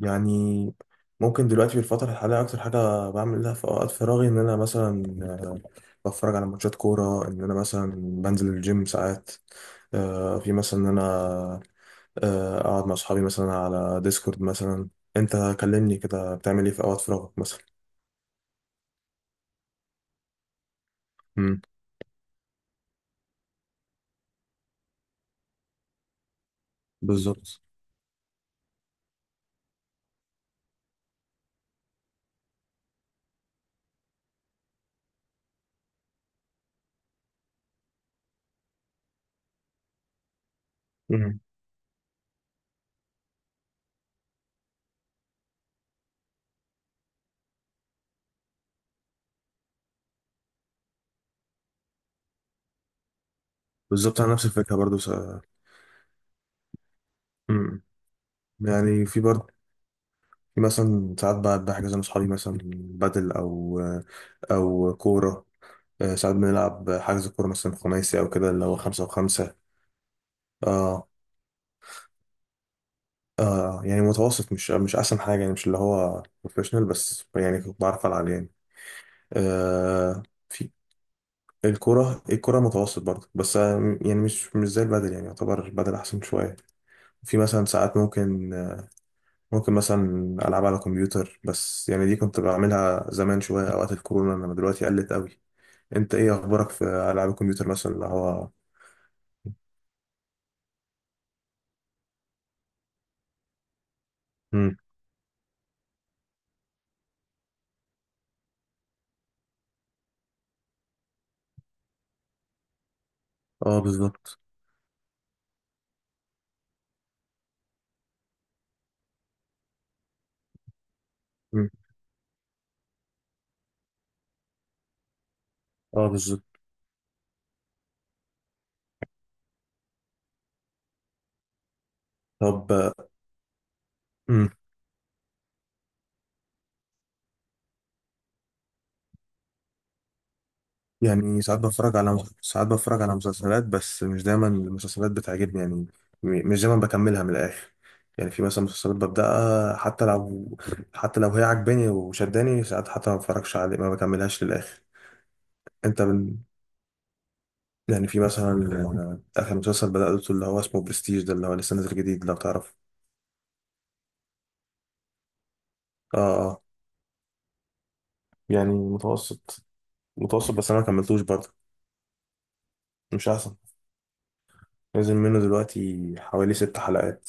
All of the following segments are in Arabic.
يعني ممكن دلوقتي في الفترة الحالية أكتر حاجة بعملها في أوقات فراغي إن أنا مثلا، بتفرج على ماتشات كورة، إن أنا مثلا بنزل الجيم ساعات، في مثلا إن أنا أقعد مع أصحابي مثلا على ديسكورد مثلا. أنت كلمني كده، بتعمل إيه في أوقات فراغك مثلا؟ مم. بالظبط. مم. بالظبط، أنا نفس الفكرة برضو مم. يعني في برضو، في مثلا ساعات بقعد بحجز مع أصحابي مثلا بدل، أو أو كورة. ساعات بنلعب حجز كورة مثلا خماسي، أو كده اللي هو خمسة وخمسة. اه. اه، يعني متوسط، مش أحسن حاجة يعني، مش اللي هو بروفيشنال، بس يعني كنت بعرف ألعب يعني. آه، في الكورة متوسط برضه، بس يعني مش زي البدل يعني، يعتبر البدل أحسن شوية. في مثلا ساعات ممكن مثلا ألعب على كمبيوتر، بس يعني دي كنت بعملها زمان شوية أوقات الكورونا، إنما دلوقتي قلت قوي. أنت إيه أخبارك في ألعاب الكمبيوتر مثلا اللي هو؟ مم. اه، بالظبط. مم. اه، بالظبط. طب، مم. يعني ساعات بتفرج على مسلسلات، بس مش دايما المسلسلات بتعجبني يعني. مش دايما بكملها من الآخر. يعني في مثلا مسلسلات ببدأها، حتى لو هي عجباني وشداني، ساعات حتى ما بتفرجش عليه، ما بكملهاش للآخر. انت بن... يعني في مثلا، آخر مسلسل بدأته اللي هو اسمه برستيج، ده اللي هو لسه نازل جديد لو تعرف. اه. اه، يعني متوسط، بس انا ما كملتوش برضه. مش احسن. نازل منه دلوقتي حوالي ست حلقات.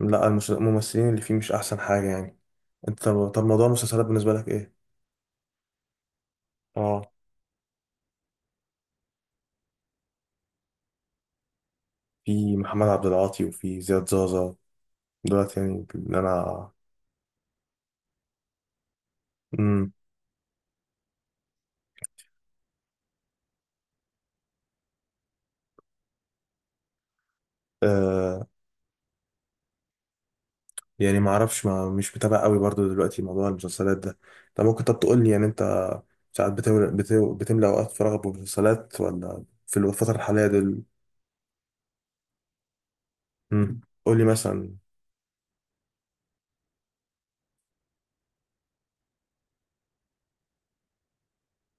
لا، الممثلين اللي فيه مش احسن حاجه يعني. انت، طب موضوع المسلسلات بالنسبه لك ايه؟ اه، في محمد عبد العاطي وفي زياد زازا، دلوقتي يعني اللي انا امم آه يعني ما اعرفش، ما مش متابع قوي برضو دلوقتي موضوع المسلسلات ده. طب ممكن، طب تقول لي يعني انت، ساعات بتملى اوقات فراغك بمسلسلات، ولا في الفتره الحاليه دول؟ امم. قول لي مثلا.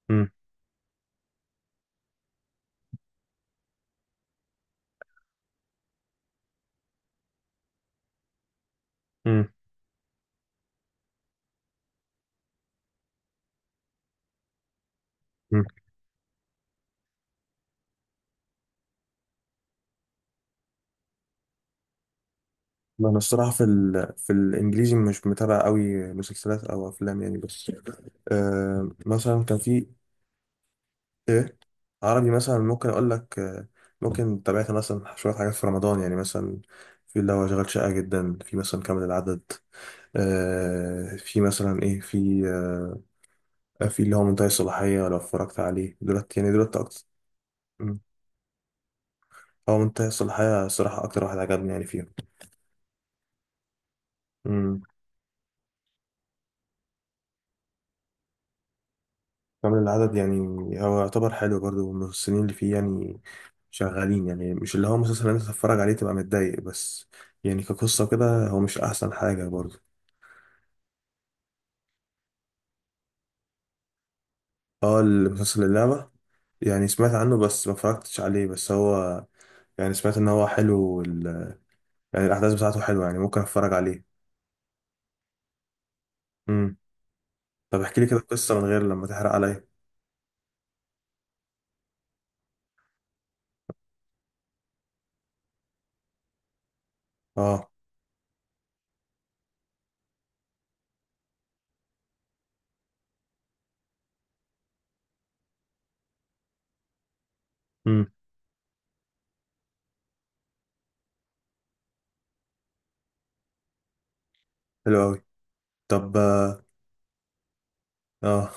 امم. امم. امم. انا الصراحه في الانجليزي مش متابع قوي مسلسلات او افلام يعني، بس مثلا كان في ايه. عربي مثلا ممكن اقول لك، ممكن تابعت مثلا شويه حاجات في رمضان، يعني مثلا في اللي هو شغال شقه جدا، في مثلا كامل العدد، في مثلا ايه في في اللي هو منتهي الصلاحيه، لو اتفرجت عليه دلوقتي يعني دلوقتي اكتر. مم. هو منتهي الصلاحيه الصراحه اكتر واحد عجبني يعني فيهم. كامل العدد يعني، هو يعتبر حلو برضو، الممثلين اللي فيه يعني شغالين، يعني مش اللي هو مسلسل انت تتفرج عليه تبقى متضايق بس، يعني كقصة كده هو مش أحسن حاجة برضو. اه، المسلسل اللعبة. يعني سمعت عنه، بس ما اتفرجتش عليه، بس هو يعني سمعت ان هو حلو يعني الأحداث بتاعته حلوة، يعني ممكن اتفرج عليه. امم. طب احكي لي كده القصة من غير لما تحرق عليا. اه. امم. حلو أوي. طب. اه. اه.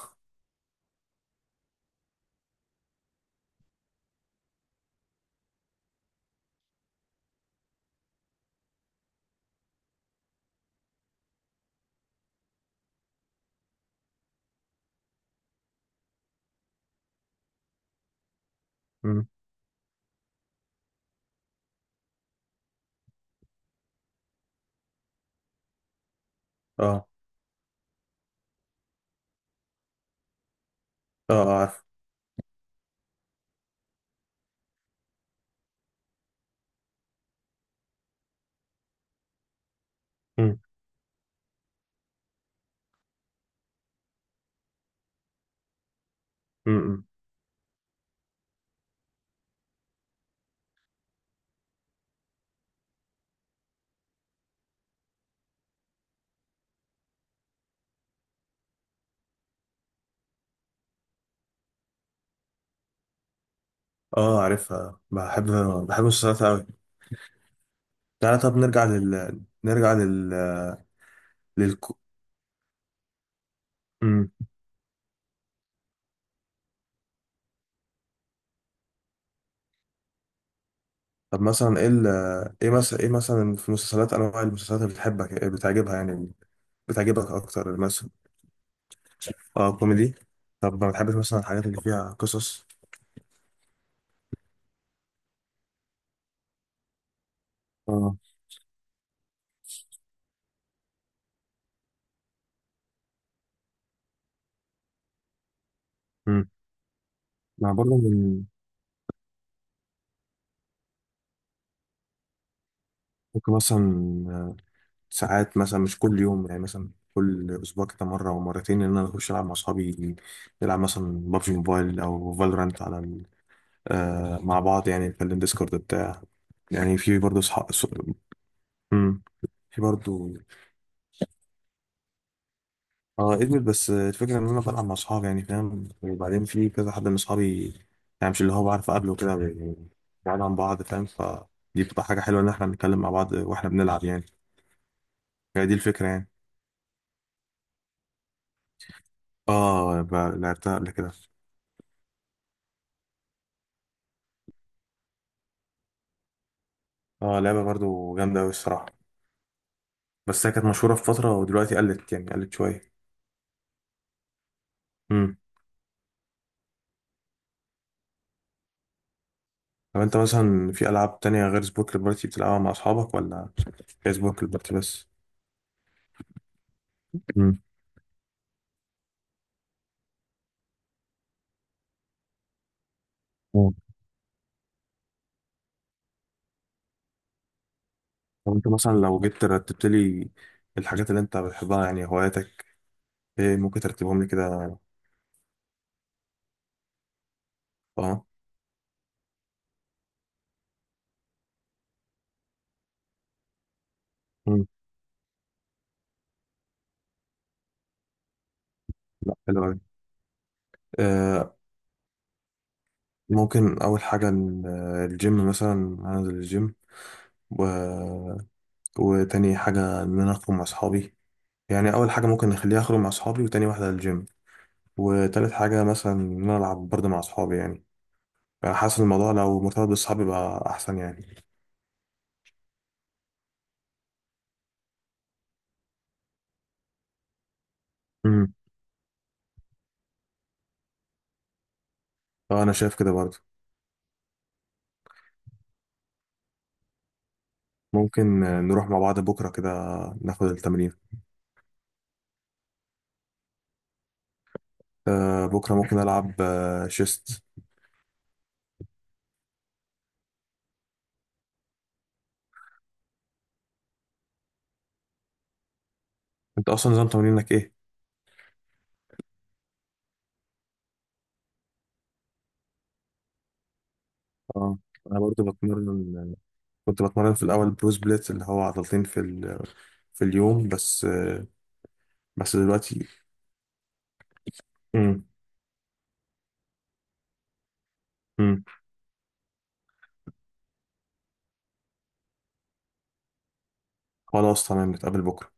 امم. اه. اه. آه، عارف. امم، امم، امم. اه، عارفها، بحب. بحب المسلسلات قوي. تعالى، طب نرجع لل نرجع لل لل مم. طب مثلا ايه ايه مثلا في مسلسلات انواع المسلسلات اللي بتحبك، إيه بتعجبها يعني؟ بتعجبك اكتر مثلا. اه، كوميدي. طب ما بتحبش مثلا الحاجات اللي فيها قصص؟ اه. امم. ما برضه من- ممكن مثلا، آه، ساعات مثلا مش كل يوم، يعني مثلا كل اسبوع كده مره او مرتين ان انا اخش العب مع اصحابي. نلعب مثلا بابجي موبايل او فالورانت على مع بعض، يعني نتكلم ديسكورد بتاع. يعني في برضه صحاب، في برضه. اه، ادمت، بس الفكرة ان انا بلعب مع اصحابي يعني فاهم، وبعدين في كذا حد من اصحابي، يعني مش اللي هو بعرف اقابله كده يعني، بعيد عن بعض فاهم، فدي بتبقى حاجة حلوة ان احنا بنتكلم مع بعض واحنا بنلعب يعني. هي دي الفكرة يعني. اه، لعبتها قبل كده. اه، لعبة برضه جامدة اوي الصراحة. بس هي كانت مشهورة في فترة، ودلوقتي قلت يعني قلت شوية. طب انت مثلا في العاب تانية غير سبورك البارتي بتلعبها مع اصحابك، ولا هي سبورك البارتي بس؟ مم. مم. طب انت مثلا لو جيت رتبت لي الحاجات اللي انت بتحبها، يعني هواياتك، ايه ممكن ترتبهم لي كده؟ اه. مم. لا، حلو قوي. آه، ممكن اول حاجة الجيم مثلا، هنزل الجيم و... وتاني حاجة ان انا اخرج مع اصحابي. يعني اول حاجة ممكن نخليها اخرج مع اصحابي، وتاني واحدة الجيم. وتالت حاجة مثلا ان انا العب برضه مع اصحابي يعني. انا حاسس الموضوع لو مرتبط بالصحاب يبقى احسن يعني. امم. اه، انا شايف كده برضه. ممكن نروح مع بعض بكره كده ناخد التمرين. بكره ممكن العب شيست. انت اصلا نظام تمرينك ايه؟ اه، انا برضه بتمرن. كنت بتمرن في الاول برو سبليت اللي هو عضلتين في اليوم، بس بس دلوقتي. امم. امم. خلاص تمام، نتقابل بكره.